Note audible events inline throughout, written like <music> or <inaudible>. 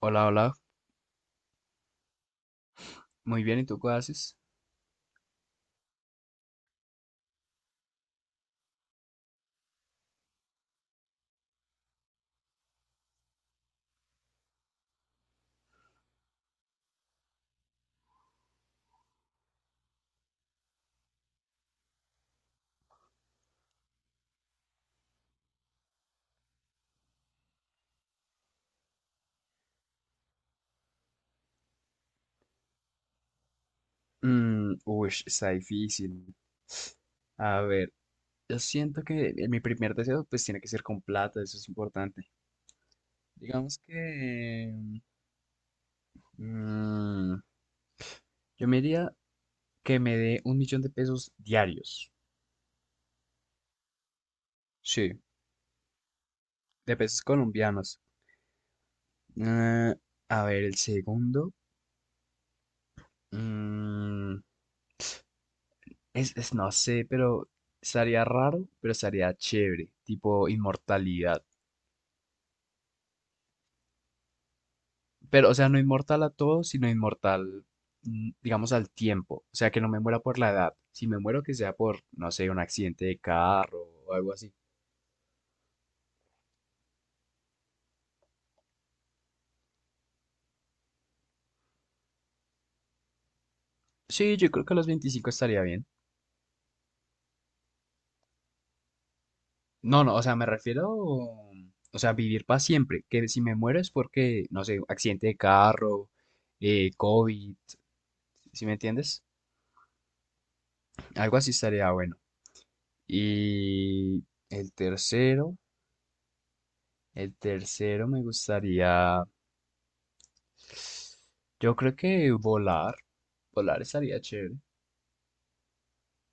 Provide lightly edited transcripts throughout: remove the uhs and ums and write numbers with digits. Hola, hola. Muy bien, ¿y tú qué haces? Está difícil. A ver, yo siento que mi primer deseo pues tiene que ser con plata, eso es importante. Digamos que mm, yo me diría que me dé 1.000.000 de pesos diarios. Sí, de pesos colombianos. Eh, a ver, el segundo. mm, no sé, pero estaría raro, pero estaría chévere. Tipo inmortalidad. Pero, o sea, no inmortal a todo, sino inmortal, digamos, al tiempo. O sea, que no me muera por la edad. Si me muero, que sea por, no sé, un accidente de carro o algo así. Sí, yo creo que a los 25 estaría bien. No, no, o sea, me refiero, o sea, vivir para siempre. Que si me muero es porque, no sé, accidente de carro, COVID, ¿sí me entiendes? Algo así estaría bueno. Y el tercero, el tercero me gustaría. Yo creo que volar, volar estaría chévere.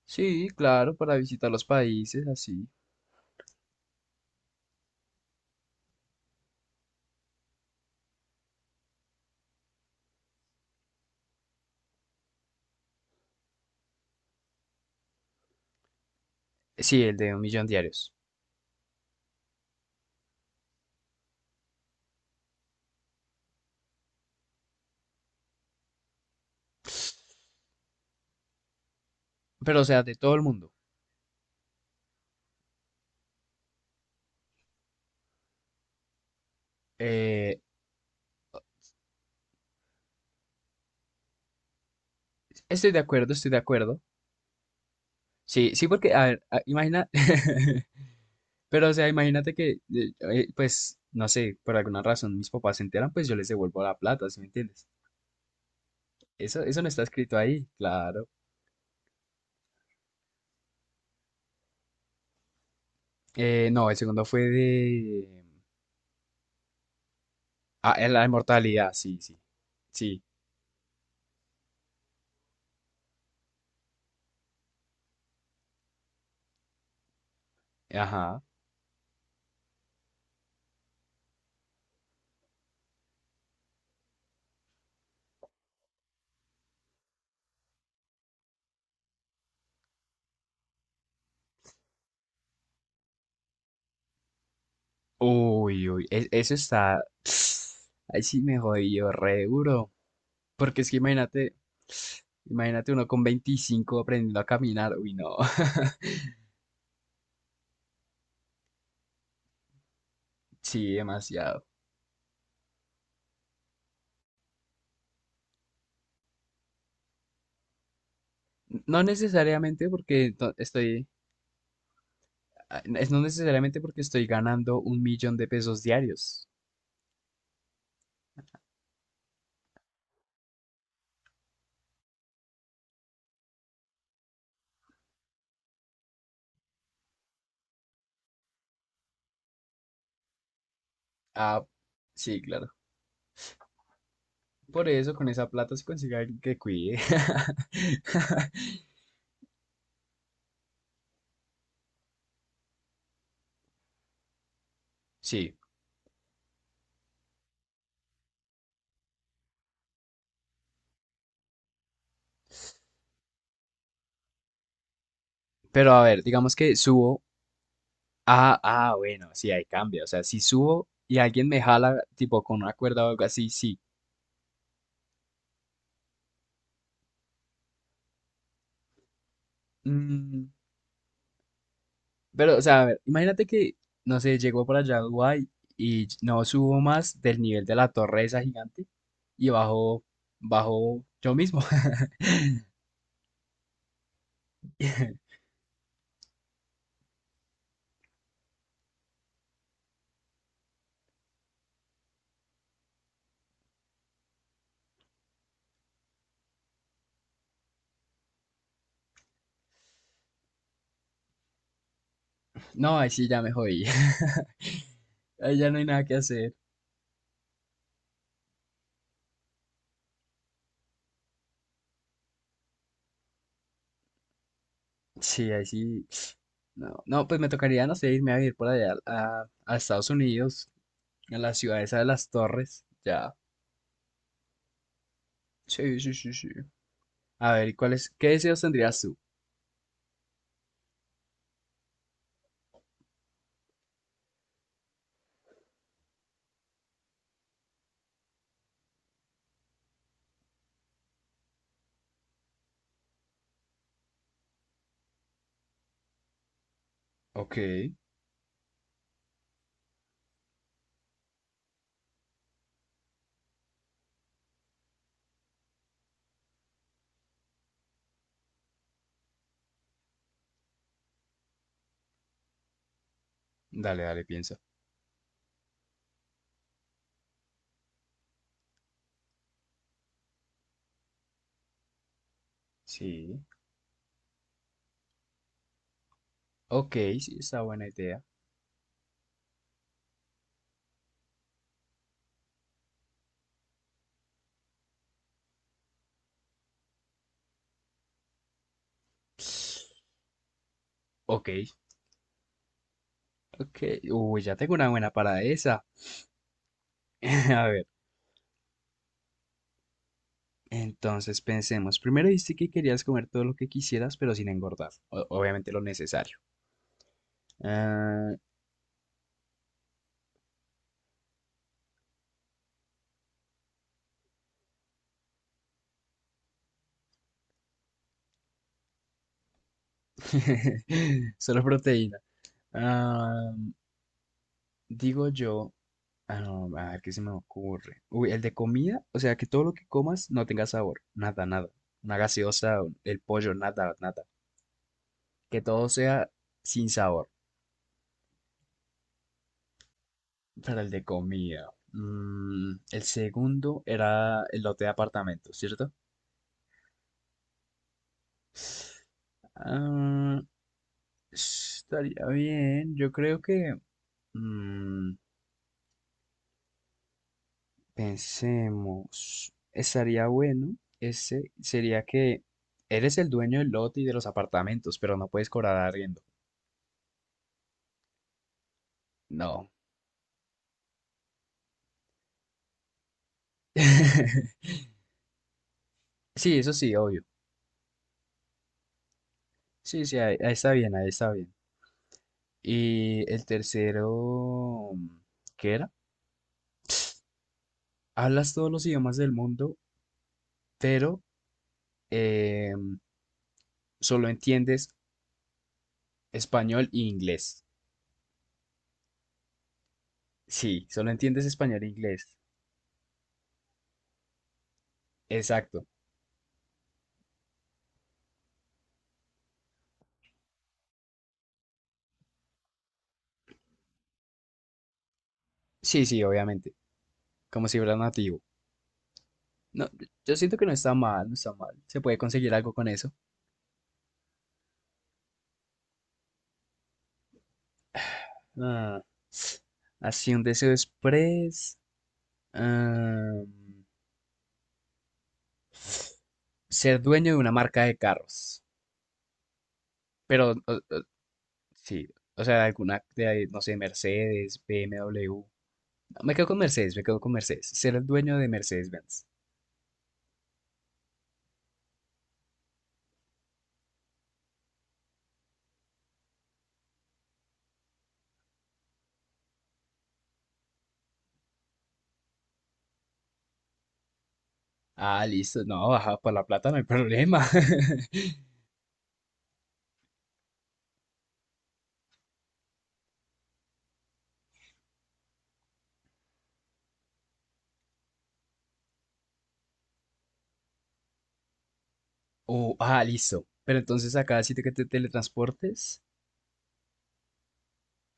Sí, claro, para visitar los países, así. Sí, el de 1.000.000 diarios. Pero, o sea, de todo el mundo. Eh, estoy de acuerdo, estoy de acuerdo. Sí, sí, porque, a ver, imagina, <laughs> pero, o sea, imagínate que, pues, no sé, por alguna razón mis papás se enteran, pues yo les devuelvo la plata, ¿sí me entiendes? Eso no está escrito ahí, claro. No, el segundo fue de... Ah, la inmortalidad, sí, sí. Sí, ajá. Uy, uy, eso está. <sniffs> Ahí sí me jodió re duro. Porque es que imagínate, imagínate uno con 25 aprendiendo a caminar. Uy, no. <laughs> Sí, demasiado. No necesariamente porque to- estoy. Ah, es No necesariamente porque estoy ganando 1.000.000 de pesos diarios. Ah, sí, claro. Por eso con esa plata se consigue alguien que cuide. <laughs> Sí. Pero a ver, digamos que subo. Ah, ah, bueno, sí, ahí cambia. O sea, si subo y alguien me jala, tipo con una cuerda o algo así, sí. Mm, pero, o sea, a ver, imagínate que, no sé, llego por allá a Dubái y no subo más del nivel de la torre esa gigante y bajo, bajo yo mismo. <laughs> No, ahí sí ya me jodí. <laughs> Ahí ya no hay nada que hacer. Sí, ahí sí. No, no, pues me tocaría, no sé, irme a vivir por allá a Estados Unidos, a la ciudad esa de las torres. Ya. Sí, sí, sí, sí. A ver, ¿y cuáles, qué deseos tendrías tú? Ok, dale, dale, piensa. Sí. Ok, sí, está buena idea. Ok, ok. Uy, ya tengo una buena para esa. <laughs> A ver, entonces pensemos. Primero dijiste que querías comer todo lo que quisieras, pero sin engordar. Obviamente lo necesario. Ah, <laughs> solo proteína. Ah, digo yo. Ah, no, a ver qué se me ocurre. Uy, el de comida, o sea, que todo lo que comas no tenga sabor, nada, nada. Una gaseosa, el pollo, nada, nada. Que todo sea sin sabor. Para el de comida. El segundo era el lote de apartamento, ¿cierto? Ah, estaría bien. Yo creo que mm, pensemos. Estaría bueno. Ese sería que eres el dueño del lote y de los apartamentos, pero no puedes cobrar arriendo. No. <laughs> Sí, eso sí, obvio. Sí, sí, ahí, ahí está bien, ahí está bien. Y el tercero, ¿qué era? Hablas todos los idiomas del mundo, pero em, solo entiendes español e inglés. Sí, solo entiendes español e inglés. Exacto. Sí, sí, obviamente. Como si fuera nativo. No, yo siento que no está mal, no está mal. Se puede conseguir algo con eso. Ah, así un deseo express. Ah, ser dueño de una marca de carros. Pero, sí, o sea, alguna, de, ahí, no sé, Mercedes, BMW. No, me quedo con Mercedes, me quedo con Mercedes. Ser el dueño de Mercedes-Benz. Ah, listo. No, ajá, por la plata no hay problema. <laughs> Oh, ah, listo. Pero entonces acá sitio que te teletransportes,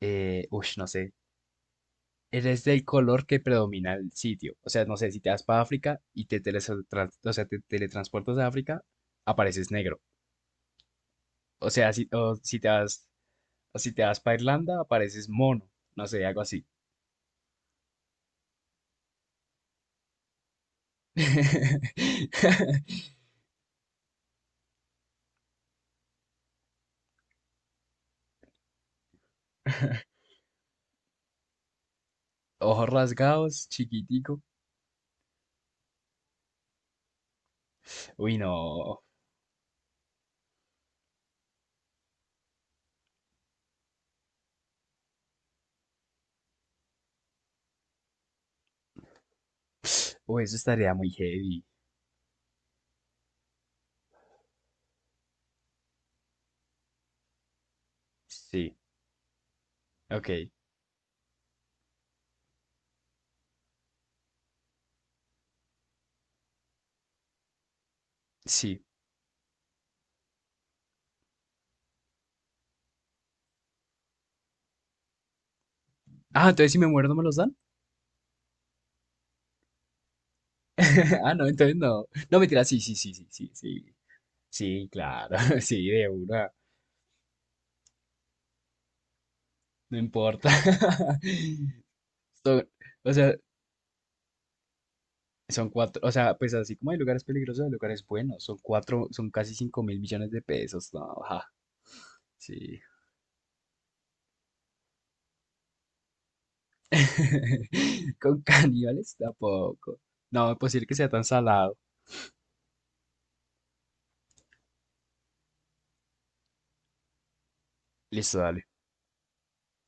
uy, no sé, eres del color que predomina el sitio. O sea, no sé, si te vas para África y te, o sea, te teletransportas a África, apareces negro. O sea, si, o si te vas. O si te vas para Irlanda, apareces mono. No sé, algo así. <laughs> Ojos rasgados, chiquitico. Uy, no. Uy, eso estaría muy heavy. Sí, ok, sí. Ah, entonces si me muero no me los dan. <laughs> Ah, no, entonces no. No, mentira, sí, sí, sí, sí, sí, sí. Sí, claro, <laughs> sí, de una. No importa. <laughs> Son- o sea, son cuatro, o sea, pues así como hay lugares peligrosos, hay lugares buenos. Son cuatro, son casi 5.000.000.000 de pesos. No, ajá, sí. <laughs> ¿Con caníbales? Tampoco. No, es posible que sea tan salado. Listo, dale.